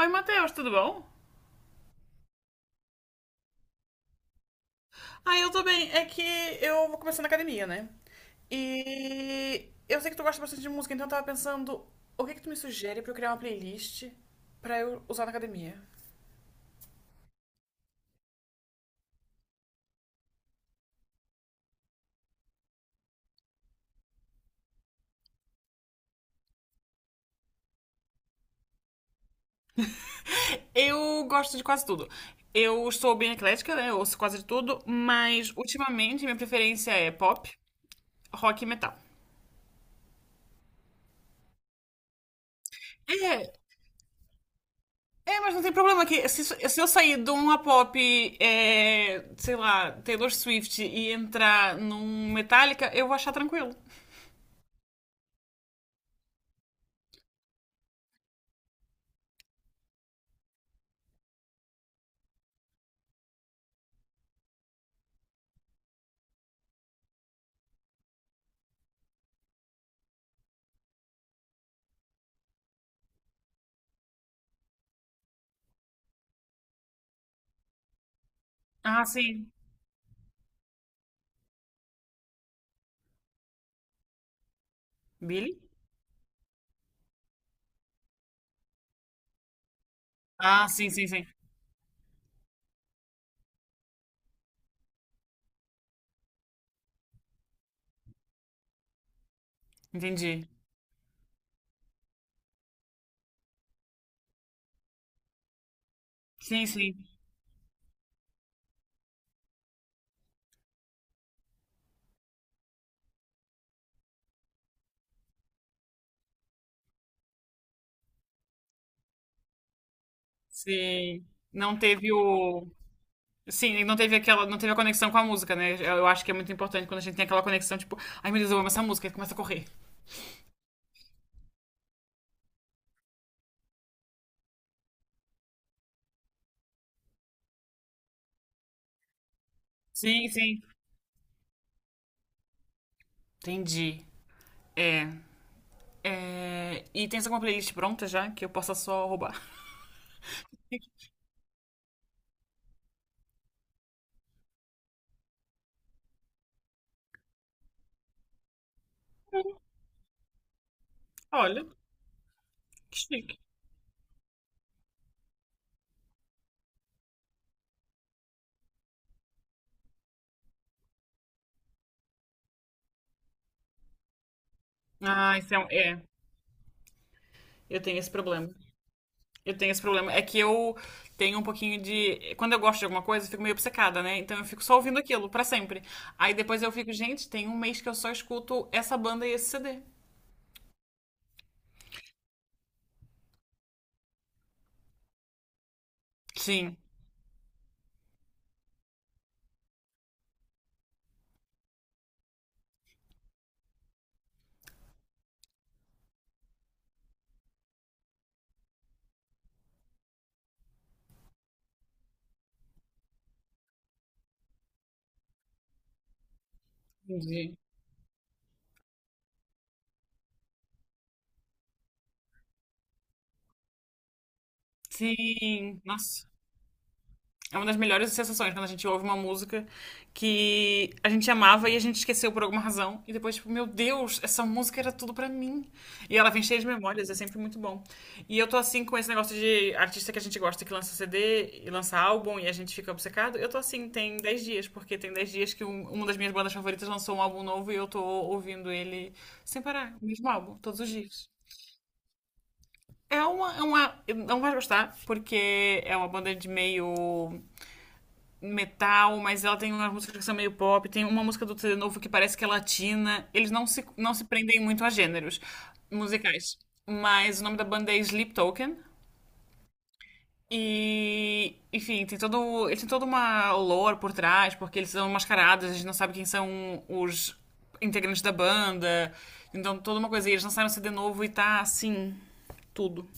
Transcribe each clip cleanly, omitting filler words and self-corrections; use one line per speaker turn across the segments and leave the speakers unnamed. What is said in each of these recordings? Oi, Matheus, tudo bom? Ah, eu tô bem. É que eu vou começar na academia, né? E eu sei que tu gosta bastante de música, então eu tava pensando, o que que tu me sugere pra eu criar uma playlist pra eu usar na academia? Eu gosto de quase tudo. Eu sou bem eclética, né? Eu ouço quase de tudo, mas ultimamente minha preferência é pop, rock e metal. É, É, mas não tem problema que se eu sair de uma pop, é, sei lá, Taylor Swift e entrar num Metallica, eu vou achar tranquilo. Ah, sim. Billy? Ah, sim, sim, sim. Entendi. Sim, sim. Sim. Não teve o. Sim, não teve aquela, não teve a conexão com a música, né? Eu acho que é muito importante quando a gente tem aquela conexão, tipo, ai meu Deus, eu amo essa música, e começa a correr. Sim, sim. Entendi. É. É, e tens alguma playlist pronta já que eu possa só roubar? Olha, que chique. Ah, isso é, é. Eu tenho esse problema. Eu tenho esse problema. É que eu tenho um pouquinho de. Quando eu gosto de alguma coisa, eu fico meio obcecada, né? Então eu fico só ouvindo aquilo pra sempre. Aí depois eu fico, gente, tem um mês que eu só escuto essa banda e esse CD. Sim. Entendi. Sim. Nossa. É uma das melhores sensações quando a gente ouve uma música que a gente amava e a gente esqueceu por alguma razão. E depois, tipo, meu Deus, essa música era tudo pra mim. E ela vem cheia de memórias, é sempre muito bom. E eu tô assim com esse negócio de artista que a gente gosta que lança CD e lança álbum e a gente fica obcecado. Eu tô assim, tem 10 dias, porque tem 10 dias que uma das minhas bandas favoritas lançou um álbum novo e eu tô ouvindo ele sem parar, o mesmo álbum, todos os dias. É uma. Não vai gostar, porque é uma banda de meio metal, mas ela tem umas músicas que são meio pop, tem uma música do CD novo que parece que é latina. Eles não se prendem muito a gêneros musicais. Mas o nome da banda é Sleep Token. E, enfim, tem todo, ele tem toda uma lore por trás, porque eles são mascarados, a gente não sabe quem são os integrantes da banda. Então, toda uma coisa. E eles lançaram um CD novo e tá assim, tudo.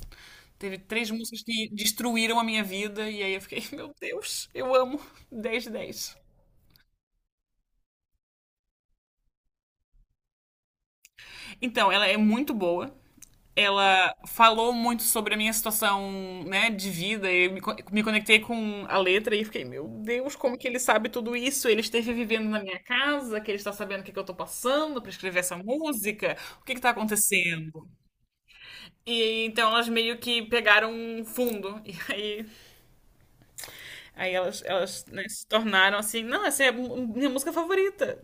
Teve três músicas que destruíram a minha vida, e aí eu fiquei, meu Deus, eu amo 10 de 10. Então, ela é muito boa. Ela falou muito sobre a minha situação, né, de vida. Eu me, co- me conectei com a letra e fiquei, meu Deus, como que ele sabe tudo isso? Ele esteve vivendo na minha casa, que ele está sabendo o que que eu tô passando para escrever essa música. O que que tá acontecendo? E então elas meio que pegaram um fundo. E aí, elas, né, se tornaram assim, não, essa é minha música favorita.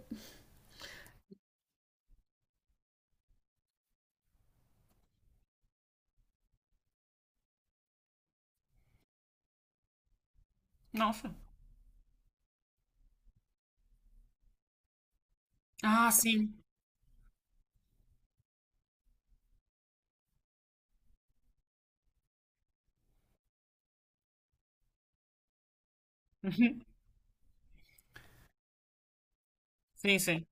Nossa. Ah, sim. Uhum. Sim, sim.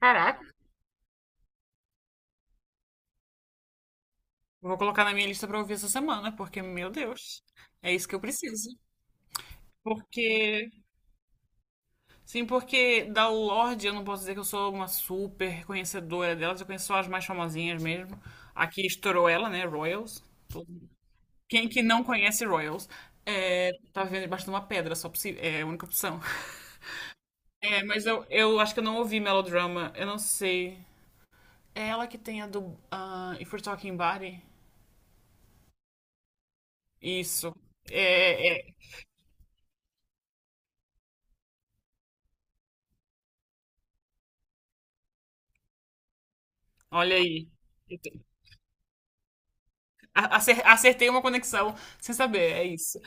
Caraca. Vou colocar na minha lista pra ouvir essa semana, porque, meu Deus, é isso que eu preciso. Porque, sim, porque da Lorde eu não posso dizer que eu sou uma super conhecedora delas, eu conheço só as mais famosinhas mesmo. Aqui estourou ela, né? Royals. Quem que não conhece Royals? É, tá vendo debaixo de uma pedra, só é a única opção. É, mas eu acho que eu não ouvi Melodrama, eu não sei. É ela que tem a do ah, If We're Talking Body? Isso. É, é. Olha aí. Acertei uma conexão sem saber, é isso.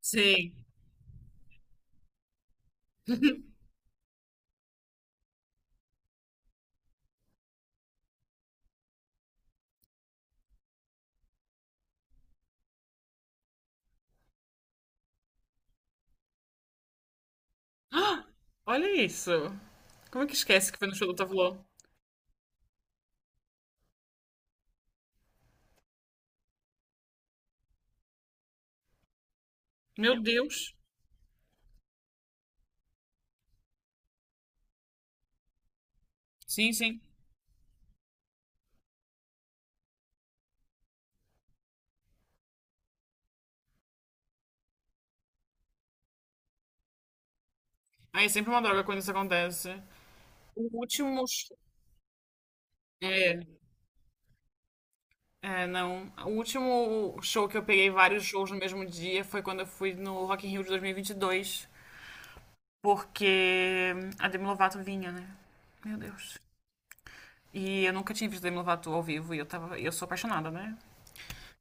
Sim. Olha isso. Como é que esquece que foi no show do Tavlô? Meu Deus. Sim, sim. Aí é sempre uma droga quando isso acontece. O último É, é, não. O último show que eu peguei vários shows no mesmo dia foi quando eu fui no Rock in Rio de dois mil e vinte e dois, porque a Demi Lovato vinha, né? Meu Deus. E eu nunca tinha visto a Demi Lovato ao vivo e eu tava, eu sou apaixonada, né?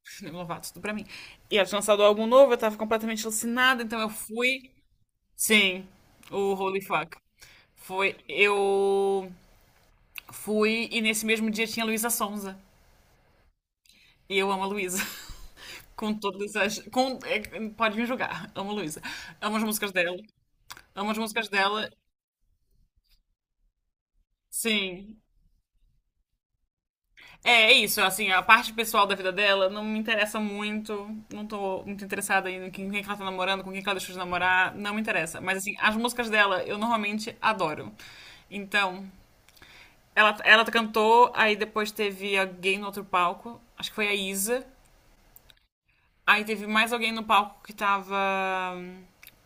Demi Lovato, tudo pra mim. E ela tinha lançado um álbum novo, eu tava completamente alucinada, então eu fui. Sim, o Holy Fuck. Foi. Eu fui e nesse mesmo dia tinha Luísa Sonza. E eu amo a Luísa. Com todas as. Com, é, pode me julgar. Amo a Luísa. Amo as músicas dela. Amo as músicas dela. Sim. É é isso, assim, a parte pessoal da vida dela não me interessa muito. Não tô muito interessada em quem que ela tá namorando, com quem que ela deixou de namorar, não me interessa. Mas assim, as músicas dela eu normalmente adoro. Então, ela cantou, aí depois teve alguém no outro palco, acho que foi a Isa. Aí teve mais alguém no palco que tava hum,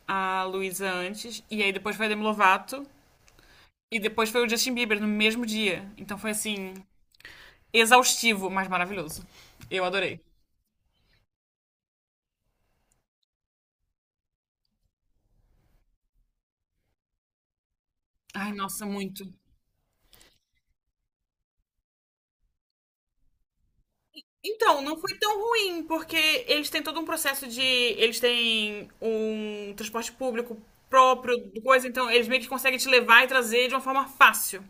a Luísa antes, e aí depois foi a Demi Lovato, e depois foi o Justin Bieber no mesmo dia. Então foi assim, exaustivo, mas maravilhoso. Eu adorei. Ai, nossa, muito. Então, não foi tão ruim, porque eles têm todo um processo de. Eles têm um transporte público próprio, do coisa, então eles meio que conseguem te levar e trazer de uma forma fácil.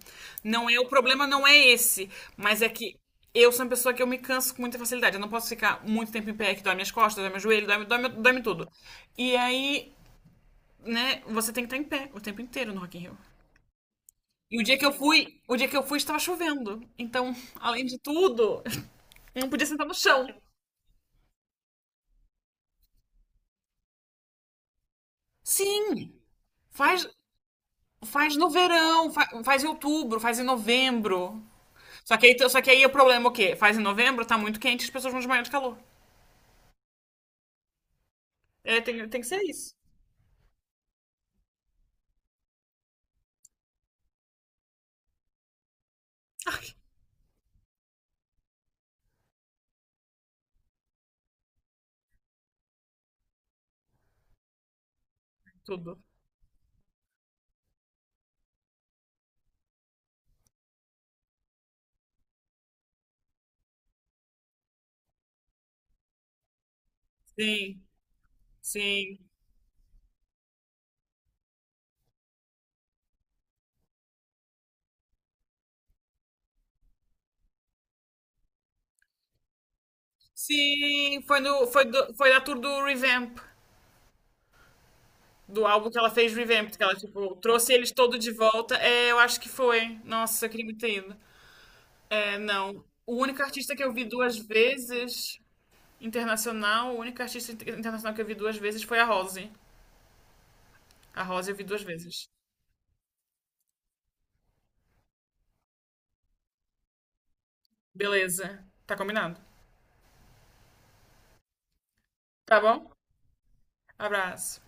Não é o problema, não é esse. Mas é que eu sou uma pessoa que eu me canso com muita facilidade. Eu não posso ficar muito tempo em pé, que dói minhas costas, dói meu joelho, dói, dói, dói tudo. E aí, né, você tem que estar em pé o tempo inteiro no Rock in Rio. E o dia que eu fui, o dia que eu fui estava chovendo. Então, além de tudo, não podia sentar no chão. Sim. Faz, faz no verão, faz em outubro, faz em novembro. Só que aí o problema é o quê? Faz em novembro, tá muito quente, as pessoas vão desmaiar de calor. É, tem, tem que ser isso. Tudo. Sim, sim. Sim, foi, no, foi, do, foi da tour do Revamp. Do álbum que ela fez Revamp, que ela, tipo, trouxe eles todos de volta. É, eu acho que foi. Nossa, eu queria muito ter ido. É, não. O único artista que eu vi duas vezes Internacional, a única artista internacional que eu vi duas vezes foi a Rose. A Rose eu vi duas vezes. Beleza. Tá combinado. Tá bom? Abraço.